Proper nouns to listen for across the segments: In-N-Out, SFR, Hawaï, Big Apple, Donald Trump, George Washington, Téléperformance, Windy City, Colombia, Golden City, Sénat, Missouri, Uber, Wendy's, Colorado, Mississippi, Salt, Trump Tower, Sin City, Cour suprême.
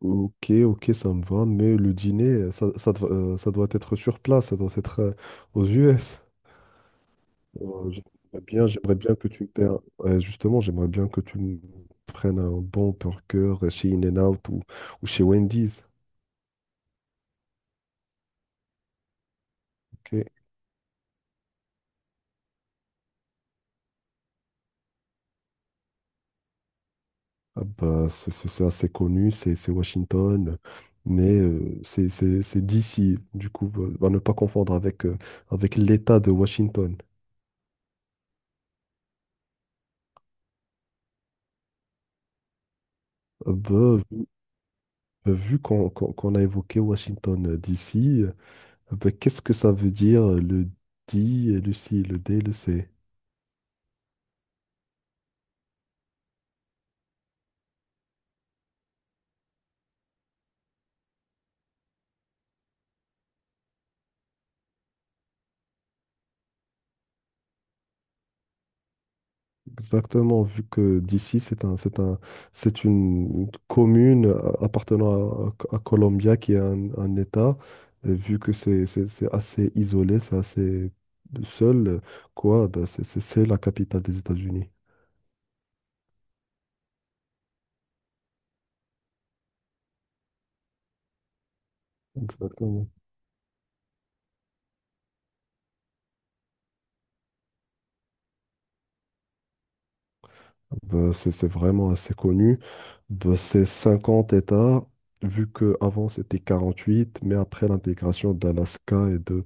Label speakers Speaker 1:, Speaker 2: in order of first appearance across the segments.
Speaker 1: Ok, ok, ça me va, mais le dîner, ça doit être sur place, ça doit être aux US. J'aimerais bien que tu me Ouais, justement, j'aimerais bien que tu me prennes un bon burger chez In-N-Out ou chez Wendy's. Ok. Ah bah, c'est assez connu, c'est Washington, mais c'est d'ici, du coup, à ne pas confondre avec, avec l'État de Washington. Ah bah, vu qu'on a évoqué Washington d'ici. Ah ben, qu'est-ce que ça veut dire le di, et le si, le d, le c? Exactement, vu que d'ici, c'est une commune appartenant à Colombia qui est un État, et vu que c'est assez isolé, c'est assez seul, quoi, ben, c'est la capitale des États-Unis. Exactement. Ben, c'est vraiment assez connu. Ben, c'est 50 États, vu qu'avant c'était 48 mais après l'intégration d'Alaska et de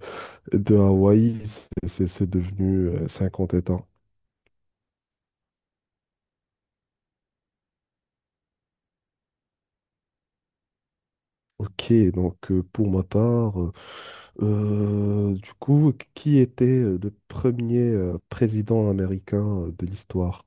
Speaker 1: De Hawaï, c'est devenu 50 États. Ok, du coup, qui était le premier président américain de l'histoire?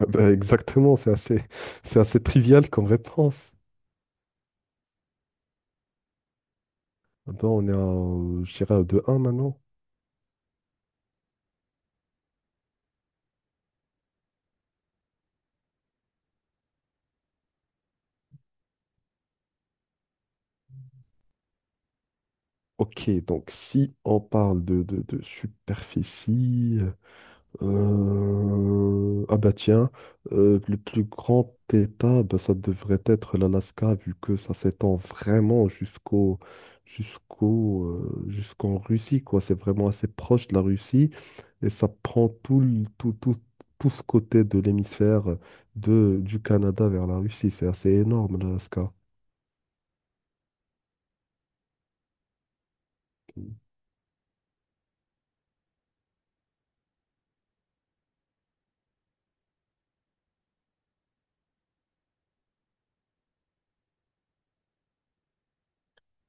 Speaker 1: Ah ben, exactement, c'est assez, c'est assez trivial comme réponse. Ah ben, on est à, je dirais, à deux un maintenant. Ok, donc si on parle de superficie. Ah bah tiens, le plus grand état, bah, ça devrait être l'Alaska, vu que ça s'étend vraiment jusqu'au jusqu'en Russie, quoi. C'est vraiment assez proche de la Russie et ça prend tout, tout, tout ce côté de l'hémisphère de du Canada vers la Russie. C'est assez énorme, l'Alaska.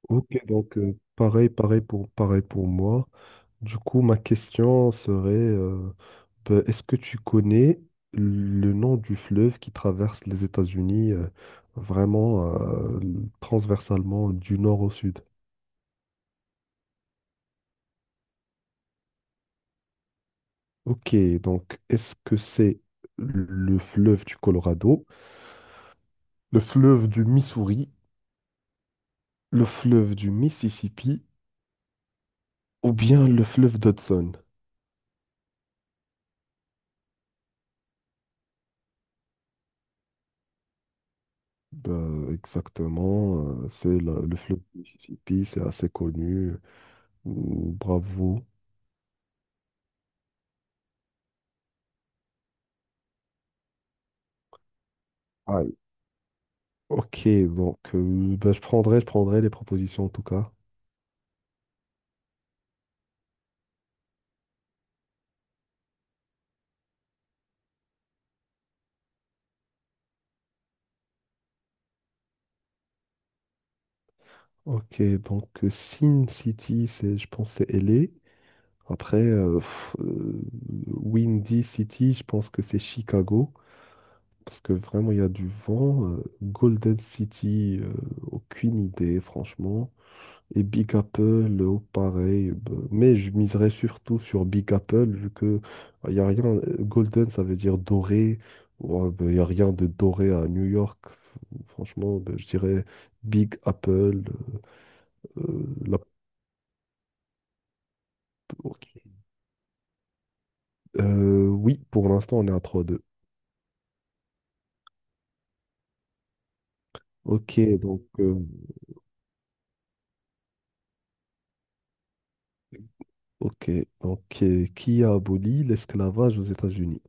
Speaker 1: Ok, pareil pour moi. Du coup, ma question serait, ben, est-ce que tu connais le nom du fleuve qui traverse les États-Unis, vraiment, transversalement du nord au sud? Ok, donc est-ce que c'est le fleuve du Colorado, le fleuve du Missouri, le fleuve du Mississippi ou bien le fleuve d'Hudson? Ben, exactement, le fleuve du Mississippi, c'est assez connu. Bravo. Ok, bah, je prendrai les propositions en tout cas. Ok, Sin City, c'est, je pense que c'est LA. Après, Windy City, je pense que c'est Chicago. Parce que vraiment, il y a du vent. Golden City, aucune idée, franchement. Et Big Apple, pareil. Bah, mais je miserais surtout sur Big Apple, vu que il n'y a rien. Golden, ça veut dire doré. Il n'y a rien de doré à New York. Franchement, bah, je dirais Big Apple. euh, la- Ok. Oui, pour l'instant, on est à trois deux. Ok, ok, qui a aboli l'esclavage aux États-Unis?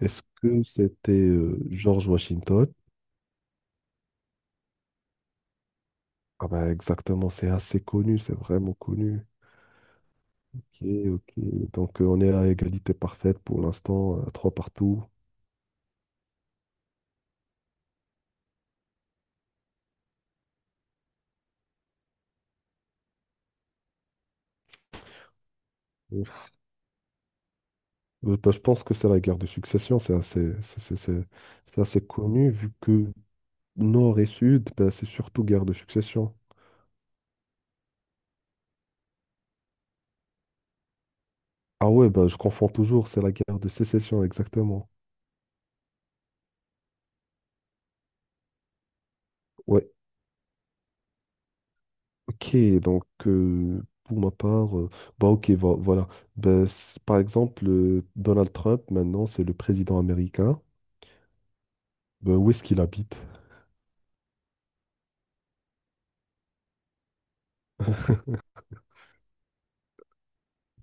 Speaker 1: Est-ce que c'était George Washington? Ah ben, exactement, c'est assez connu, c'est vraiment connu. Ok, ok. Donc, on est à égalité parfaite pour l'instant, trois partout. Euh, Bah, je pense que c'est la guerre de succession, c'est assez, c'est assez connu vu que Nord et Sud, bah, c'est surtout guerre de succession. Ah ouais, bah, je confonds toujours, c'est la guerre de sécession, exactement. Ouais, ok, donc euh, pour ma part, euh, bah ok, voilà. Bah, par exemple, Donald Trump, maintenant, c'est le président américain. Bah, où est-ce qu'il habite?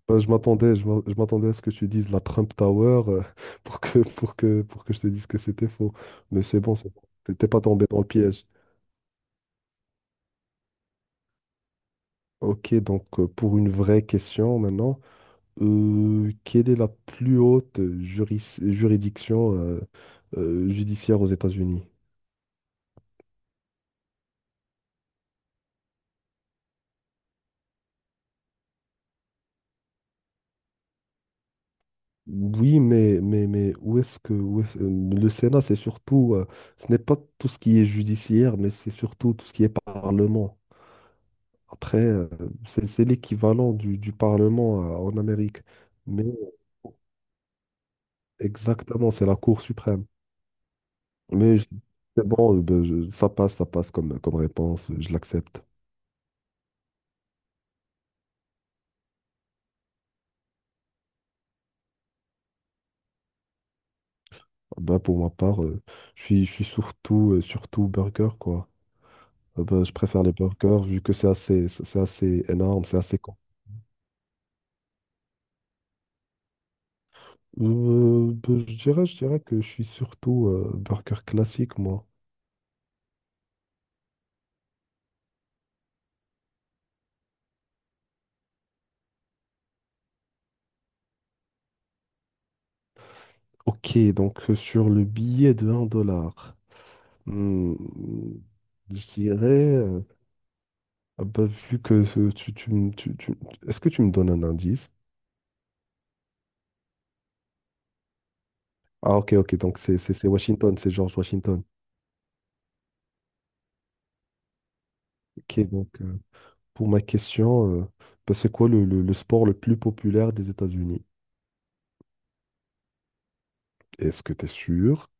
Speaker 1: Bah, je m'attendais à ce que tu dises la Trump Tower pour que, pour que, pour que je te dise que c'était faux. Mais c'est bon, c'est bon. T'es pas tombé dans le piège. Ok, pour une vraie question maintenant, quelle est la plus haute juridiction judiciaire aux États-Unis? Oui, mais le Sénat, c'est surtout, ce n'est pas tout ce qui est judiciaire, mais c'est surtout tout ce qui est parlement. Après, c'est l'équivalent du Parlement en Amérique. Mais exactement, c'est la Cour suprême. Mais je- c'est bon, ça passe, comme, comme réponse, je l'accepte. Ben, pour ma part, je suis surtout, surtout burger, quoi. Ben, je préfère les burgers vu que c'est assez, c'est assez énorme, c'est assez con. Ben, je dirais que je suis surtout burger classique, moi. Ok, sur le billet de un dollar. Hmm, je dirais, euh, ah bah, vu que ce- tu, me- tu- est-ce que tu me donnes un indice? Ah ok, ok, donc c'est Washington, c'est George Washington. Ok, pour ma question, bah, c'est quoi le sport le plus populaire des États-Unis? Est-ce que tu es sûr?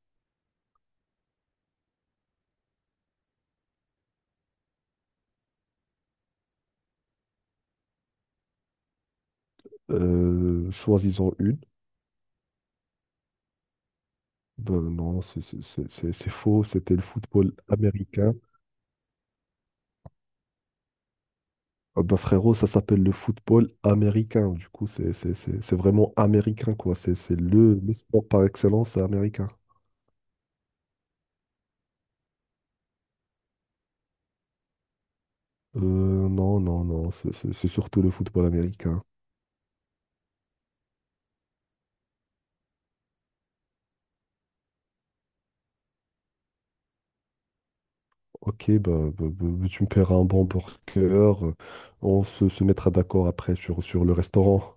Speaker 1: Choisissons une. Ben non, c'est faux, c'était le football américain. Ah bah frérot, ça s'appelle le football américain. Du coup, c'est vraiment américain, quoi. C'est le sport par excellence américain. Euh, non, c'est surtout le football américain. Ok, bah, bah, tu me paieras un bon burger. On se mettra d'accord après sur le restaurant.